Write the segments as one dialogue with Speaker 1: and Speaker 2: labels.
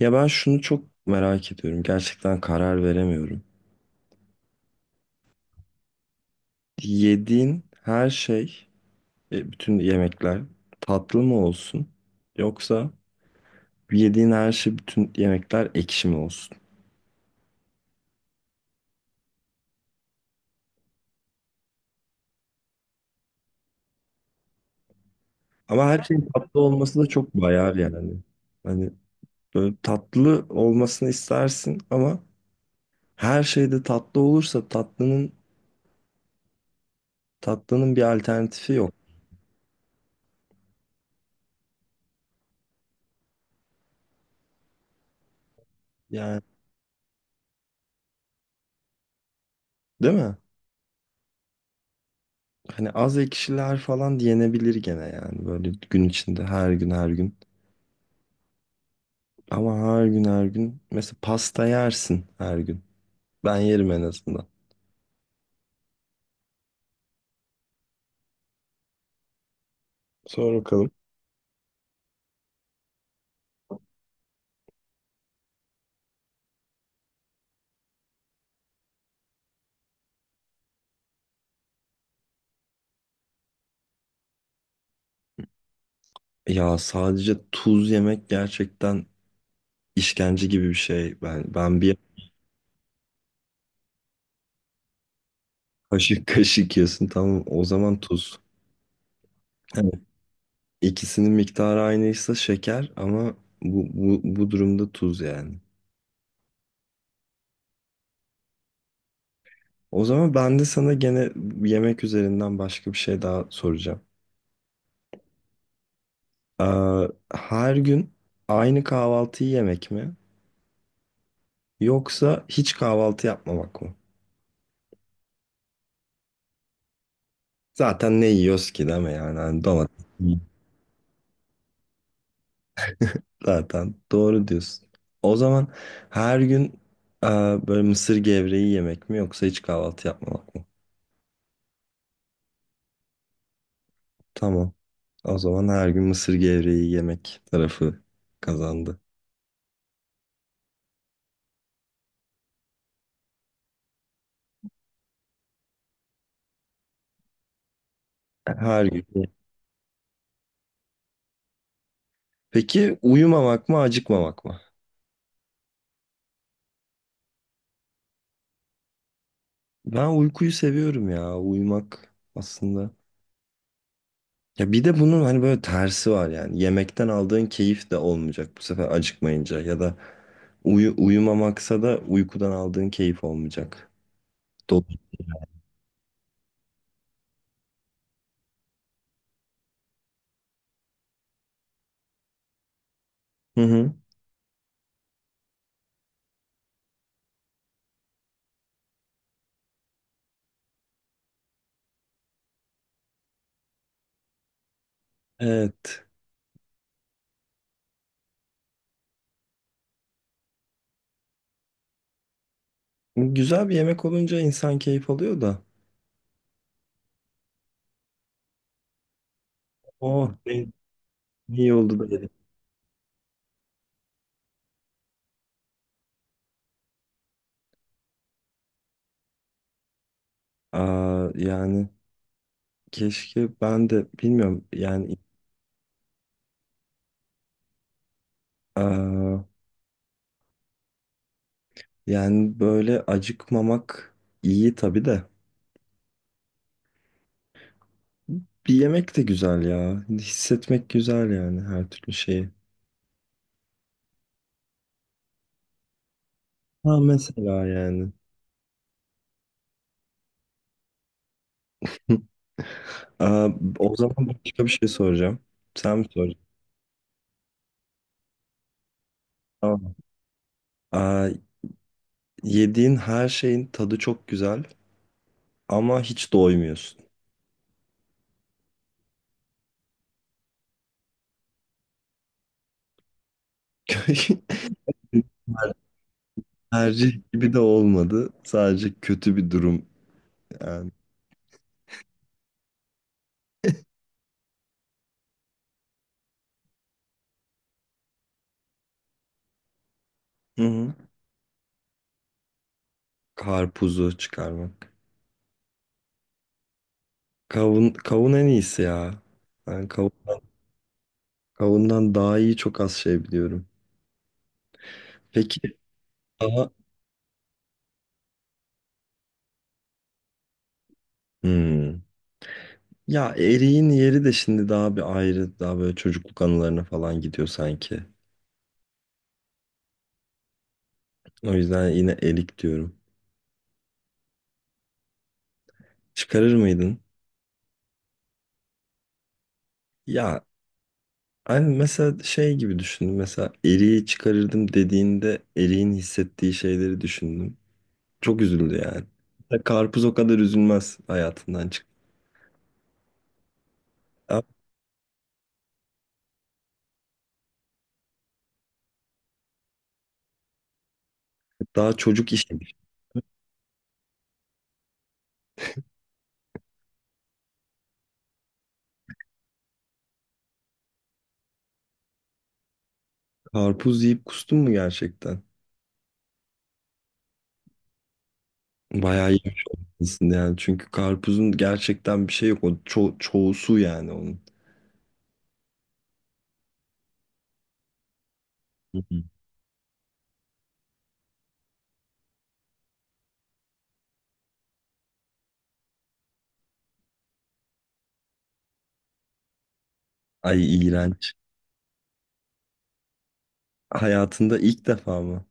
Speaker 1: Ya ben şunu çok merak ediyorum. Gerçekten karar veremiyorum. Yediğin her şey, bütün yemekler tatlı mı olsun? Yoksa yediğin her şey, bütün yemekler ekşi mi olsun? Ama her şeyin tatlı olması da çok bayar yani. Hani böyle tatlı olmasını istersin ama her şeyde tatlı olursa tatlının bir alternatifi yok. Yani değil mi? Hani az ekşiler falan yenebilir gene yani böyle gün içinde her gün her gün. Ama her gün her gün. Mesela pasta yersin her gün. Ben yerim en azından. Sor bakalım. Ya sadece tuz yemek gerçekten işkence gibi bir şey. Ben bir kaşık kaşık yiyorsun tamam o zaman tuz. Evet. İkisinin miktarı aynıysa şeker ama bu durumda tuz yani. O zaman ben de sana gene yemek üzerinden başka bir şey daha soracağım. Ee, Her gün aynı kahvaltıyı yemek mi? Yoksa hiç kahvaltı yapmamak mı? Zaten ne yiyoruz ki değil mi yani? Hani domates zaten doğru diyorsun. O zaman her gün e, böyle mısır gevreği yemek mi yoksa hiç kahvaltı yapmamak mı? Tamam. O zaman her gün mısır gevreği yemek tarafı kazandı. Her gün. Peki uyumamak mı acıkmamak mı? Ben uykuyu seviyorum ya. Uyumak aslında. Ya bir de bunun hani böyle tersi var yani. Yemekten aldığın keyif de olmayacak bu sefer acıkmayınca ya da uyumamaksa da uykudan aldığın keyif olmayacak. Dolu. Hı hı. Evet. Güzel bir yemek olunca insan keyif alıyor da. Oh ne, iyi oldu da yedim. Aa, yani keşke ben de bilmiyorum yani aa, yani böyle acıkmamak iyi tabii de. Bir yemek de güzel ya. Hissetmek güzel yani her türlü şeyi. Ha mesela yani. Aa, o zaman başka bir şey soracağım. Sen mi soracaksın? Tamam. Aa, yediğin her şeyin tadı çok güzel ama hiç doymuyorsun. Tercih gibi de olmadı. Sadece kötü bir durum yani. Hı hı. Karpuzu çıkarmak. Kavun, kavun en iyisi ya. Ben kavundan, kavundan daha iyi çok az şey biliyorum. Peki daha... Hmm. Ya Eri'nin yeri de şimdi daha bir ayrı, daha böyle çocukluk anılarına falan gidiyor sanki. O yüzden yine Erik diyorum. Çıkarır mıydın? Ya hani mesela şey gibi düşündüm. Mesela Eri'yi çıkarırdım dediğinde Eri'nin hissettiği şeyleri düşündüm. Çok üzüldü yani. Ya Karpuz o kadar üzülmez hayatından çık. Ama daha çocuk işi. Karpuz yiyip kustun mu gerçekten? Bayağı yemiş olmalısın yani. Çünkü karpuzun gerçekten bir şey yok. O çoğu su yani onun. Ay iğrenç. Hayatında ilk defa mı?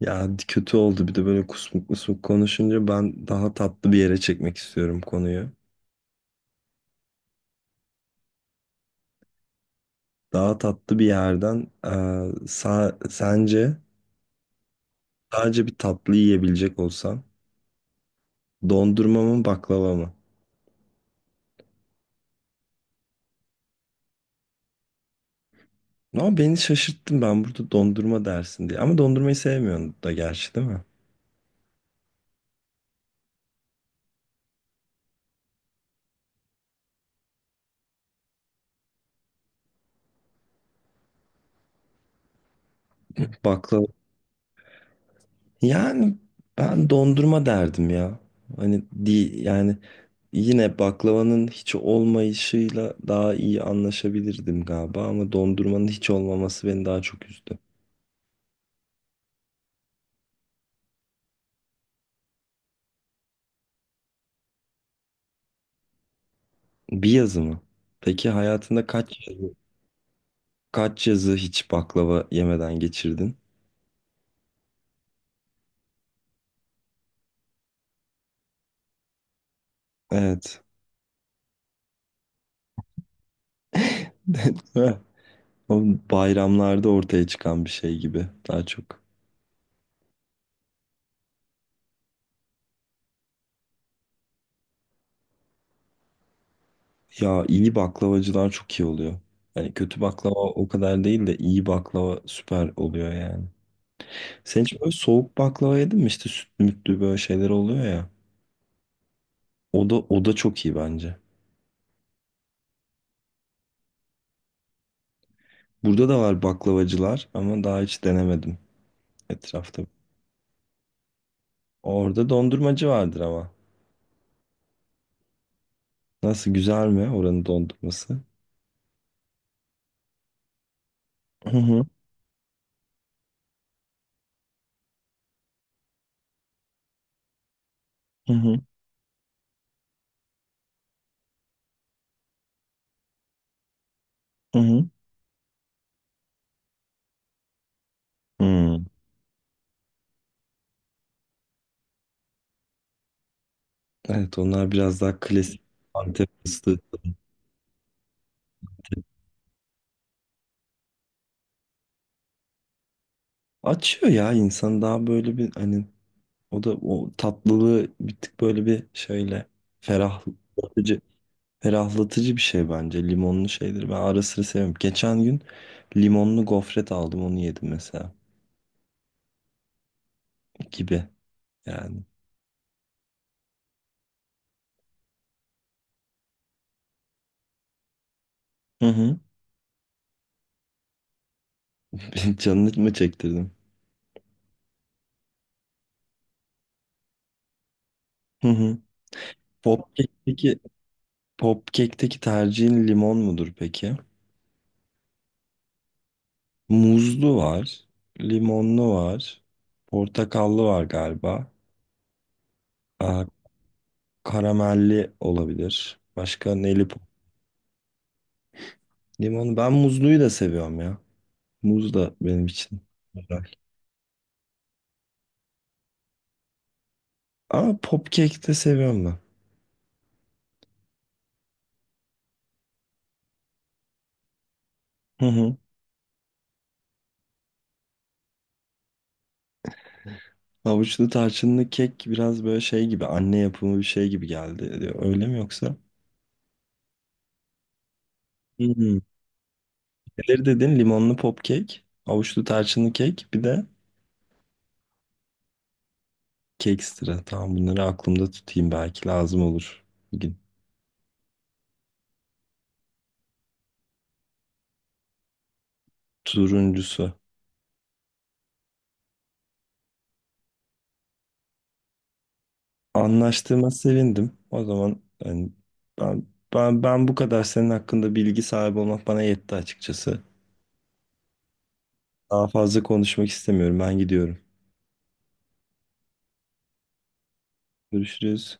Speaker 1: Ya kötü oldu bir de böyle kusmuk kusmuk konuşunca ben daha tatlı bir yere çekmek istiyorum konuyu. Daha tatlı bir yerden sence sadece bir tatlı yiyebilecek olsan dondurma mı baklava mı? Ama beni şaşırttın ben burada dondurma dersin diye. Ama dondurmayı sevmiyorsun da gerçi değil mi? Baklava. Yani ben dondurma derdim ya. Hani, yani yine baklavanın hiç olmayışıyla daha iyi anlaşabilirdim galiba ama dondurmanın hiç olmaması beni daha çok üzdü. Bir yazı mı? Peki hayatında kaç yazı, kaç yazı hiç baklava yemeden geçirdin? Evet. Heh. O bayramlarda ortaya çıkan bir şey gibi daha çok. Ya iyi baklavacılar çok iyi oluyor. Yani kötü baklava o kadar değil de iyi baklava süper oluyor yani. Sen hiç böyle soğuk baklava yedin mi? İşte sütlü mütlü böyle şeyler oluyor ya. O da çok iyi bence. Burada da var baklavacılar ama daha hiç denemedim etrafta. Orada dondurmacı vardır ama. Nasıl güzel mi oranın dondurması? Hı hı, hı hı, hı. Hı. Hmm. Evet onlar biraz daha klasik Antep fıstığı. Açıyor ya insan daha böyle bir hani o da o tatlılığı bir tık böyle bir şöyle ferahlatıcı. Ferahlatıcı bir şey bence. Limonlu şeydir. Ben ara sıra seviyorum. Geçen gün limonlu gofret aldım onu yedim mesela. Gibi yani. Hı hı. Canını mı çektirdim? Hı hı. Popcake'teki Popcake'teki tercihin limon mudur peki? Muzlu var. Limonlu var. Portakallı var galiba. Aa, karamelli olabilir. Başka neli pop? Limonu. Ben muzluyu da seviyorum ya. Muz da benim için güzel. Ama popkek de seviyorum ben. Hı hı. Havuçlu tarçınlı kek biraz böyle şey gibi anne yapımı bir şey gibi geldi diyor. Öyle mi yoksa? Hmm. Neleri dedin? Limonlu pop kek, havuçlu tarçınlı kek, bir de kekstra. Tamam bunları aklımda tutayım belki lazım olur bir gün. Turuncusu. Anlaştığıma sevindim. O zaman hani ben ben bu kadar senin hakkında bilgi sahibi olmak bana yetti açıkçası. Daha fazla konuşmak istemiyorum. Ben gidiyorum. Görüşürüz.